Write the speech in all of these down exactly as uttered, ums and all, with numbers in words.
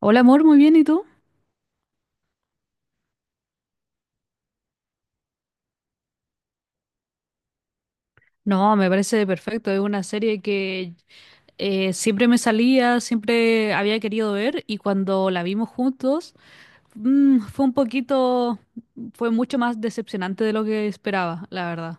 Hola amor, muy bien, ¿y tú? No, me parece perfecto, es una serie que eh, siempre me salía, siempre había querido ver y cuando la vimos juntos mm, fue un poquito, fue mucho más decepcionante de lo que esperaba, la verdad.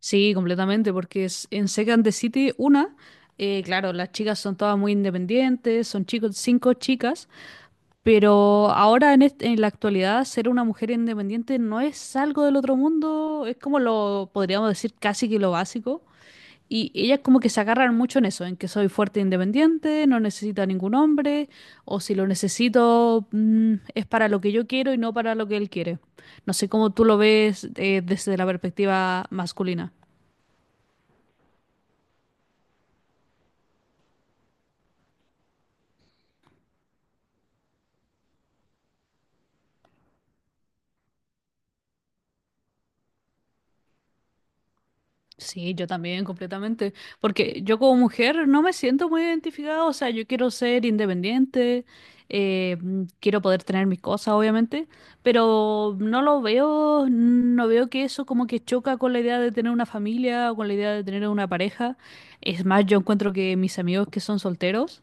Sí, completamente, porque es- en Sex and the City, una, eh, claro, las chicas son todas muy independientes, son chicos, cinco chicas. Pero ahora en, est- en la actualidad ser una mujer independiente no es algo del otro mundo, es como lo podríamos decir casi que lo básico. Y ellas como que se agarran mucho en eso, en que soy fuerte e independiente, no necesito a ningún hombre, o si lo necesito mm, es para lo que yo quiero y no para lo que él quiere. No sé cómo tú lo ves eh, desde la perspectiva masculina. Sí, yo también, completamente. Porque yo como mujer no me siento muy identificada, o sea, yo quiero ser independiente, eh, mm, quiero poder tener mis cosas, obviamente, pero no lo veo, no veo que eso como que choca con la idea de tener una familia o con la idea de tener una pareja. Es más, yo encuentro que mis amigos que son solteros,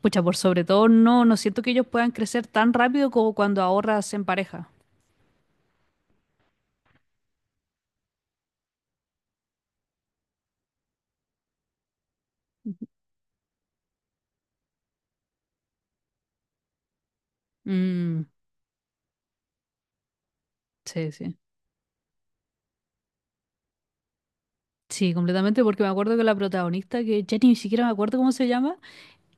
pucha, por sobre todo, no, no siento que ellos puedan crecer tan rápido como cuando ahorras en pareja. Mm, sí, sí. Sí, completamente, porque me acuerdo que la protagonista, que ya ni siquiera me acuerdo cómo se llama,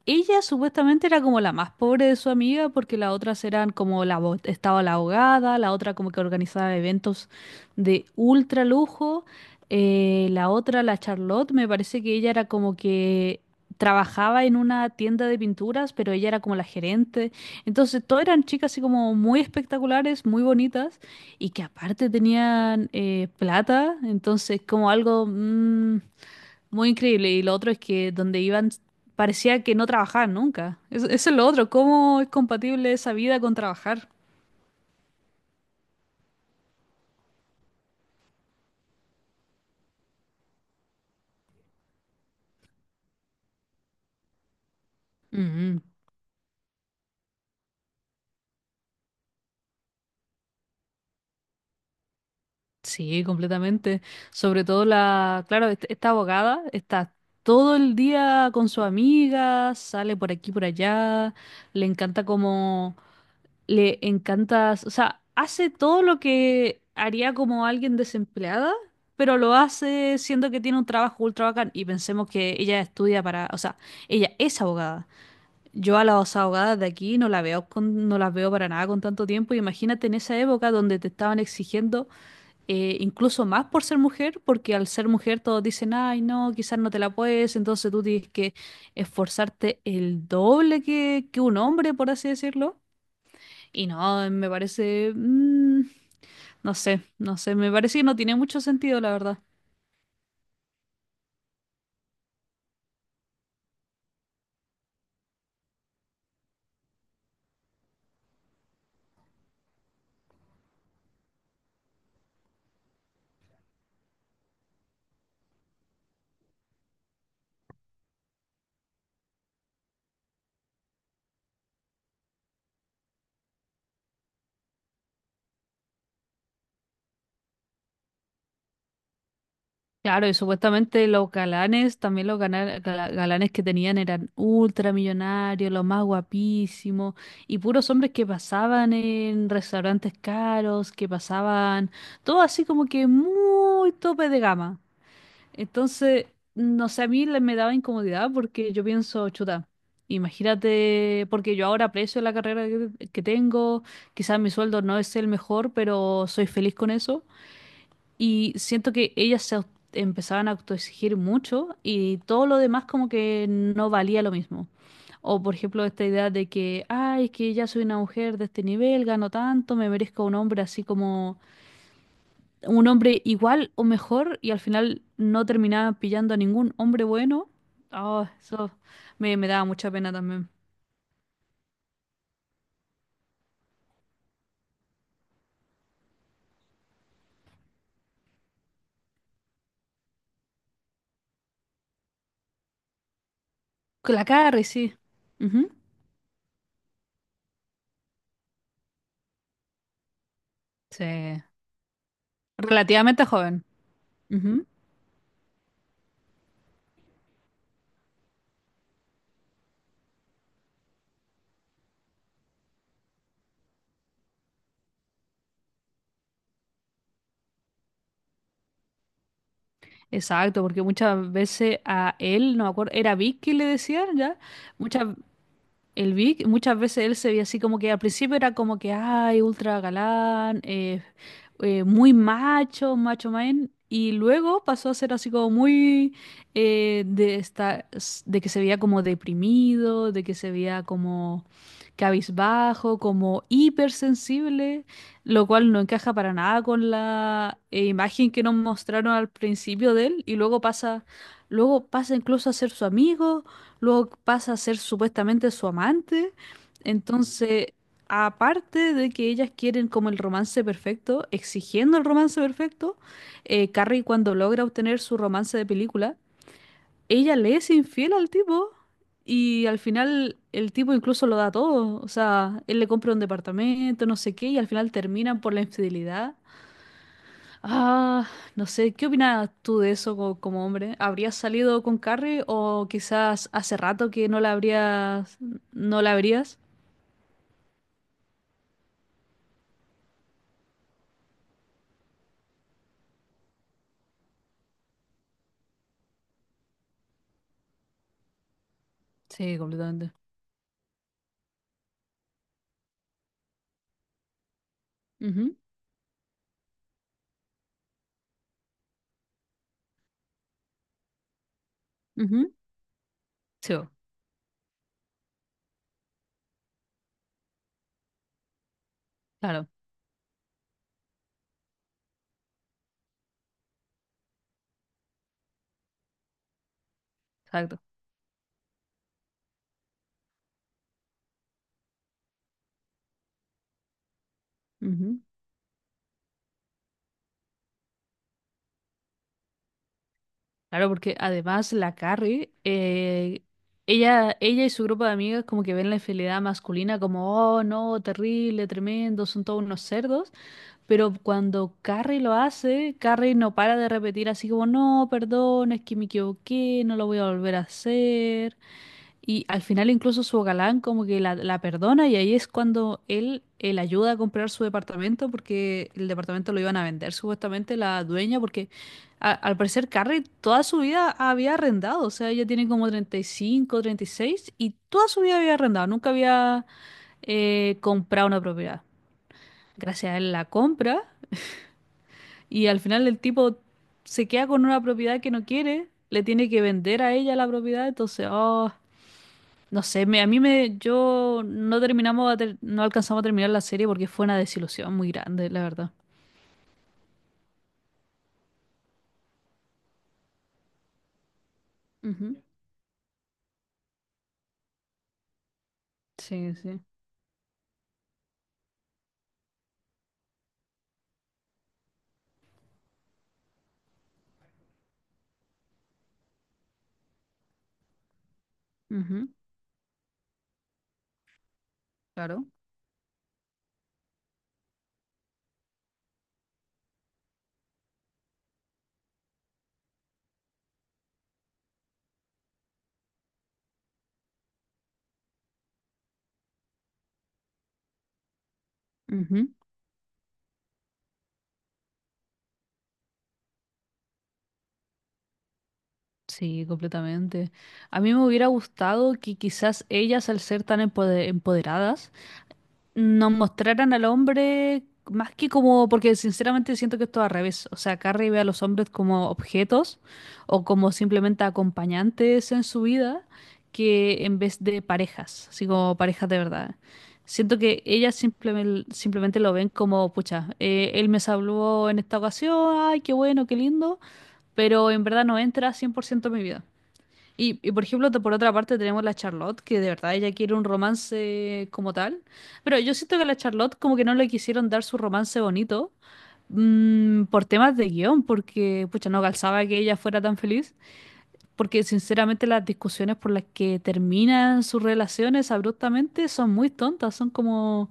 ella supuestamente era como la más pobre de su amiga porque las otras eran como la bo- estaba la ahogada, la otra como que organizaba eventos de ultra lujo, eh, la otra, la Charlotte, me parece que ella era como que trabajaba en una tienda de pinturas, pero ella era como la gerente. Entonces, todas eran chicas así como muy espectaculares, muy bonitas y que aparte tenían eh, plata, entonces como algo, mm, muy increíble. Y lo otro es que donde iban parecía que no trabajaban nunca. Eso, eso es lo otro. ¿Cómo es compatible esa vida con trabajar? Mm, sí, completamente. Sobre todo la, claro, est- esta abogada está todo el día con su amiga, sale por aquí, por allá. Le encanta como Le encanta, o sea, hace todo lo que haría como alguien desempleada, pero lo hace siendo que tiene un trabajo ultra bacán. Y pensemos que ella estudia para, o sea, ella es abogada. Yo a las abogadas de aquí no la veo con, no las veo para nada con tanto tiempo. Imagínate en esa época donde te estaban exigiendo eh, incluso más por ser mujer, porque al ser mujer todos dicen, ay, no, quizás no te la puedes, entonces tú tienes que esforzarte el doble que, que un hombre, por así decirlo. Y no, me parece, mm, no sé, no sé, me parece que no tiene mucho sentido, la verdad. Claro, y supuestamente los galanes, también los gana- gala- galanes que tenían eran ultramillonarios, los más guapísimos, y puros hombres que pasaban en restaurantes caros, que pasaban, todo así como que muy tope de gama. Entonces, no sé, a mí le- me daba incomodidad porque yo pienso, chuta, imagínate, porque yo ahora aprecio la carrera que, que tengo, quizás mi sueldo no es el mejor, pero soy feliz con eso. Y siento que ellas se au- empezaban a autoexigir mucho y todo lo demás como que no valía lo mismo. O por ejemplo, esta idea de que, ay, es que ya soy una mujer de este nivel, gano tanto, me merezco un hombre así como un hombre igual o mejor y al final no terminaba pillando a ningún hombre bueno. Oh, eso me, me daba mucha pena también. Con la Carrie, sí. Ujú. Sí. Relativamente joven. Ujú. Exacto, porque muchas veces a él, no me acuerdo, era Vic que le decían ya, muchas, El Vic, muchas veces él se veía así como que al principio era como que, ay, ultra galán, eh, eh, muy macho, macho man, y luego pasó a ser así como muy eh, de esta, s- de que se veía como deprimido, de que se veía como cabizbajo, como hipersensible, lo cual no encaja para nada con la eh, imagen que nos mostraron al principio de él, y luego pasa, luego pasa incluso a ser su amigo luego pasa a ser supuestamente su amante. Entonces, aparte de que ellas quieren como el romance perfecto, exigiendo el romance perfecto, eh, Carrie cuando logra obtener su romance de película, ella le es infiel al tipo y al final el tipo incluso lo da todo. O sea, él le compra un departamento, no sé qué, y al final terminan por la infidelidad. Ah, no sé, ¿qué opinas tú de eso co- como, hombre? ¿Habrías salido con Carrie o quizás hace rato que no la habrías, no la habrías? Sí, completamente. Ujú, ujú. Sí, bo, claro, exacto. Ujú. Claro, porque además la Carrie, eh, ella, ella y su grupo de amigas como que ven la infidelidad masculina como, oh, no, terrible, tremendo, son todos unos cerdos. Pero cuando Carrie lo hace, Carrie no para de repetir así como, no, perdón, es que me equivoqué, no lo voy a volver a hacer. Y al final incluso su galán como que la, la perdona y ahí es cuando él, él ayuda a comprar su departamento porque el departamento lo iban a vender supuestamente la dueña porque a- al parecer Carrie toda su vida había arrendado, o sea, ella tiene como treinta y cinco, treinta y seis y toda su vida había arrendado, nunca había eh, comprar una propiedad. Gracias a él la compra y al final el tipo se queda con una propiedad que no quiere, le tiene que vender a ella la propiedad, entonces, oh, no sé, me- a mí me, yo no terminamos, a ter- no alcanzamos a terminar la serie porque fue una desilusión muy grande, la verdad. Ujú. Sí, sí. Ujú, claro. Ujú. Sí, completamente. A mí me hubiera gustado que quizás ellas, al ser tan empode- empoderadas, nos mostraran al hombre más que como, porque sinceramente siento que esto es al revés, o sea, Carrie ve a los hombres como objetos o como simplemente acompañantes en su vida que en vez de parejas, así como parejas de verdad. Siento que ellas simplemente, simplemente lo ven como, pucha, eh, él me salvó en esta ocasión, ay, qué bueno, qué lindo, pero en verdad no entra cien por ciento en mi vida. Y, y, por ejemplo, te- por otra parte tenemos la Charlotte, que de verdad ella quiere un romance como tal. Pero yo siento que a la Charlotte como que no le quisieron dar su romance bonito mm, por temas de guión, porque pucha, no calzaba que ella fuera tan feliz. Porque sinceramente las discusiones por las que terminan sus relaciones abruptamente son muy tontas. Son como,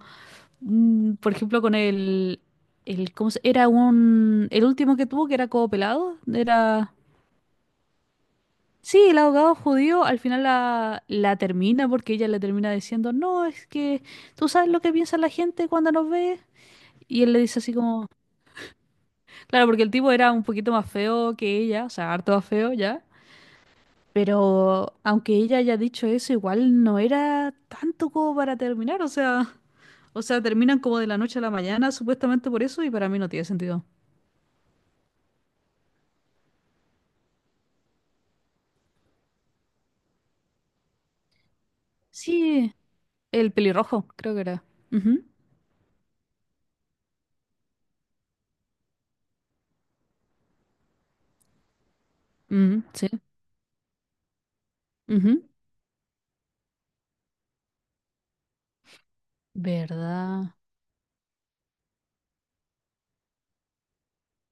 mm, por ejemplo, con el, el, ¿cómo se? Era un, el último que tuvo que era como pelado. Era. Sí, el abogado judío al final la, la termina porque ella le termina diciendo, no, es que tú sabes lo que piensa la gente cuando nos ve. Y él le dice así como, claro, porque el tipo era un poquito más feo que ella, o sea, harto más feo ya. Pero aunque ella haya dicho eso, igual no era tanto como para terminar, o sea, o sea, terminan como de la noche a la mañana, supuestamente por eso, y para mí no tiene sentido. Sí, el pelirrojo, creo que era. Ujú, ujú, sí, ujú. ¿Verdad?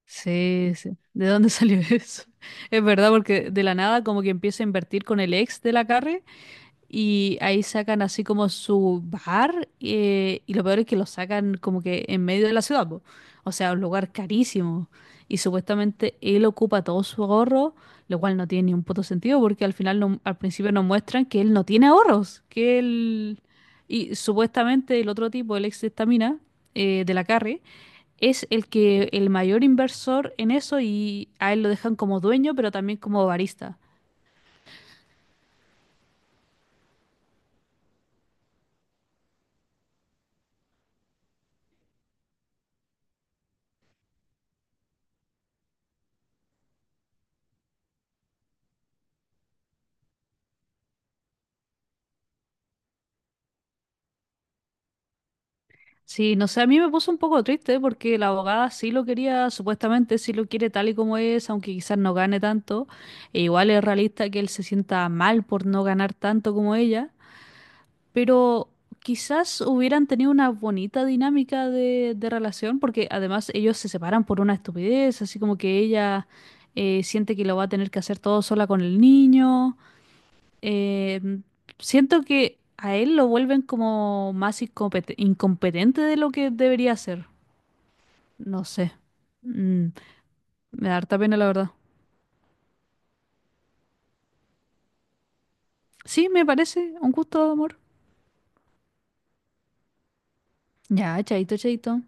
Sí, sí. ¿De dónde salió eso? Es verdad, porque de la nada como que empieza a invertir con el ex de la Carrie y ahí sacan así como su bar eh, y lo peor es que lo sacan como que en medio de la ciudad, po. O sea, un lugar carísimo. Y supuestamente él ocupa todo su ahorro, lo cual no tiene ni un puto sentido porque al final no- al principio nos muestran que él no tiene ahorros, que él. Y supuestamente el otro tipo, el ex de esta mina, eh, de la Carrie, es el que el mayor inversor en eso y a él lo dejan como dueño, pero también como barista. Sí, no sé, a mí me puso un poco triste porque la abogada sí lo quería, supuestamente sí lo quiere tal y como es, aunque quizás no gane tanto. E igual es realista que él se sienta mal por no ganar tanto como ella, pero quizás hubieran tenido una bonita dinámica de, de relación porque además ellos se separan por una estupidez, así como que ella eh, siente que lo va a tener que hacer todo sola con el niño. Eh, siento que a él lo vuelven como más incompet- incompetente de lo que debería ser. No sé. Mm, me da harta pena, la verdad. Sí, me parece. Un gusto, amor. Ya, chaito, chaito.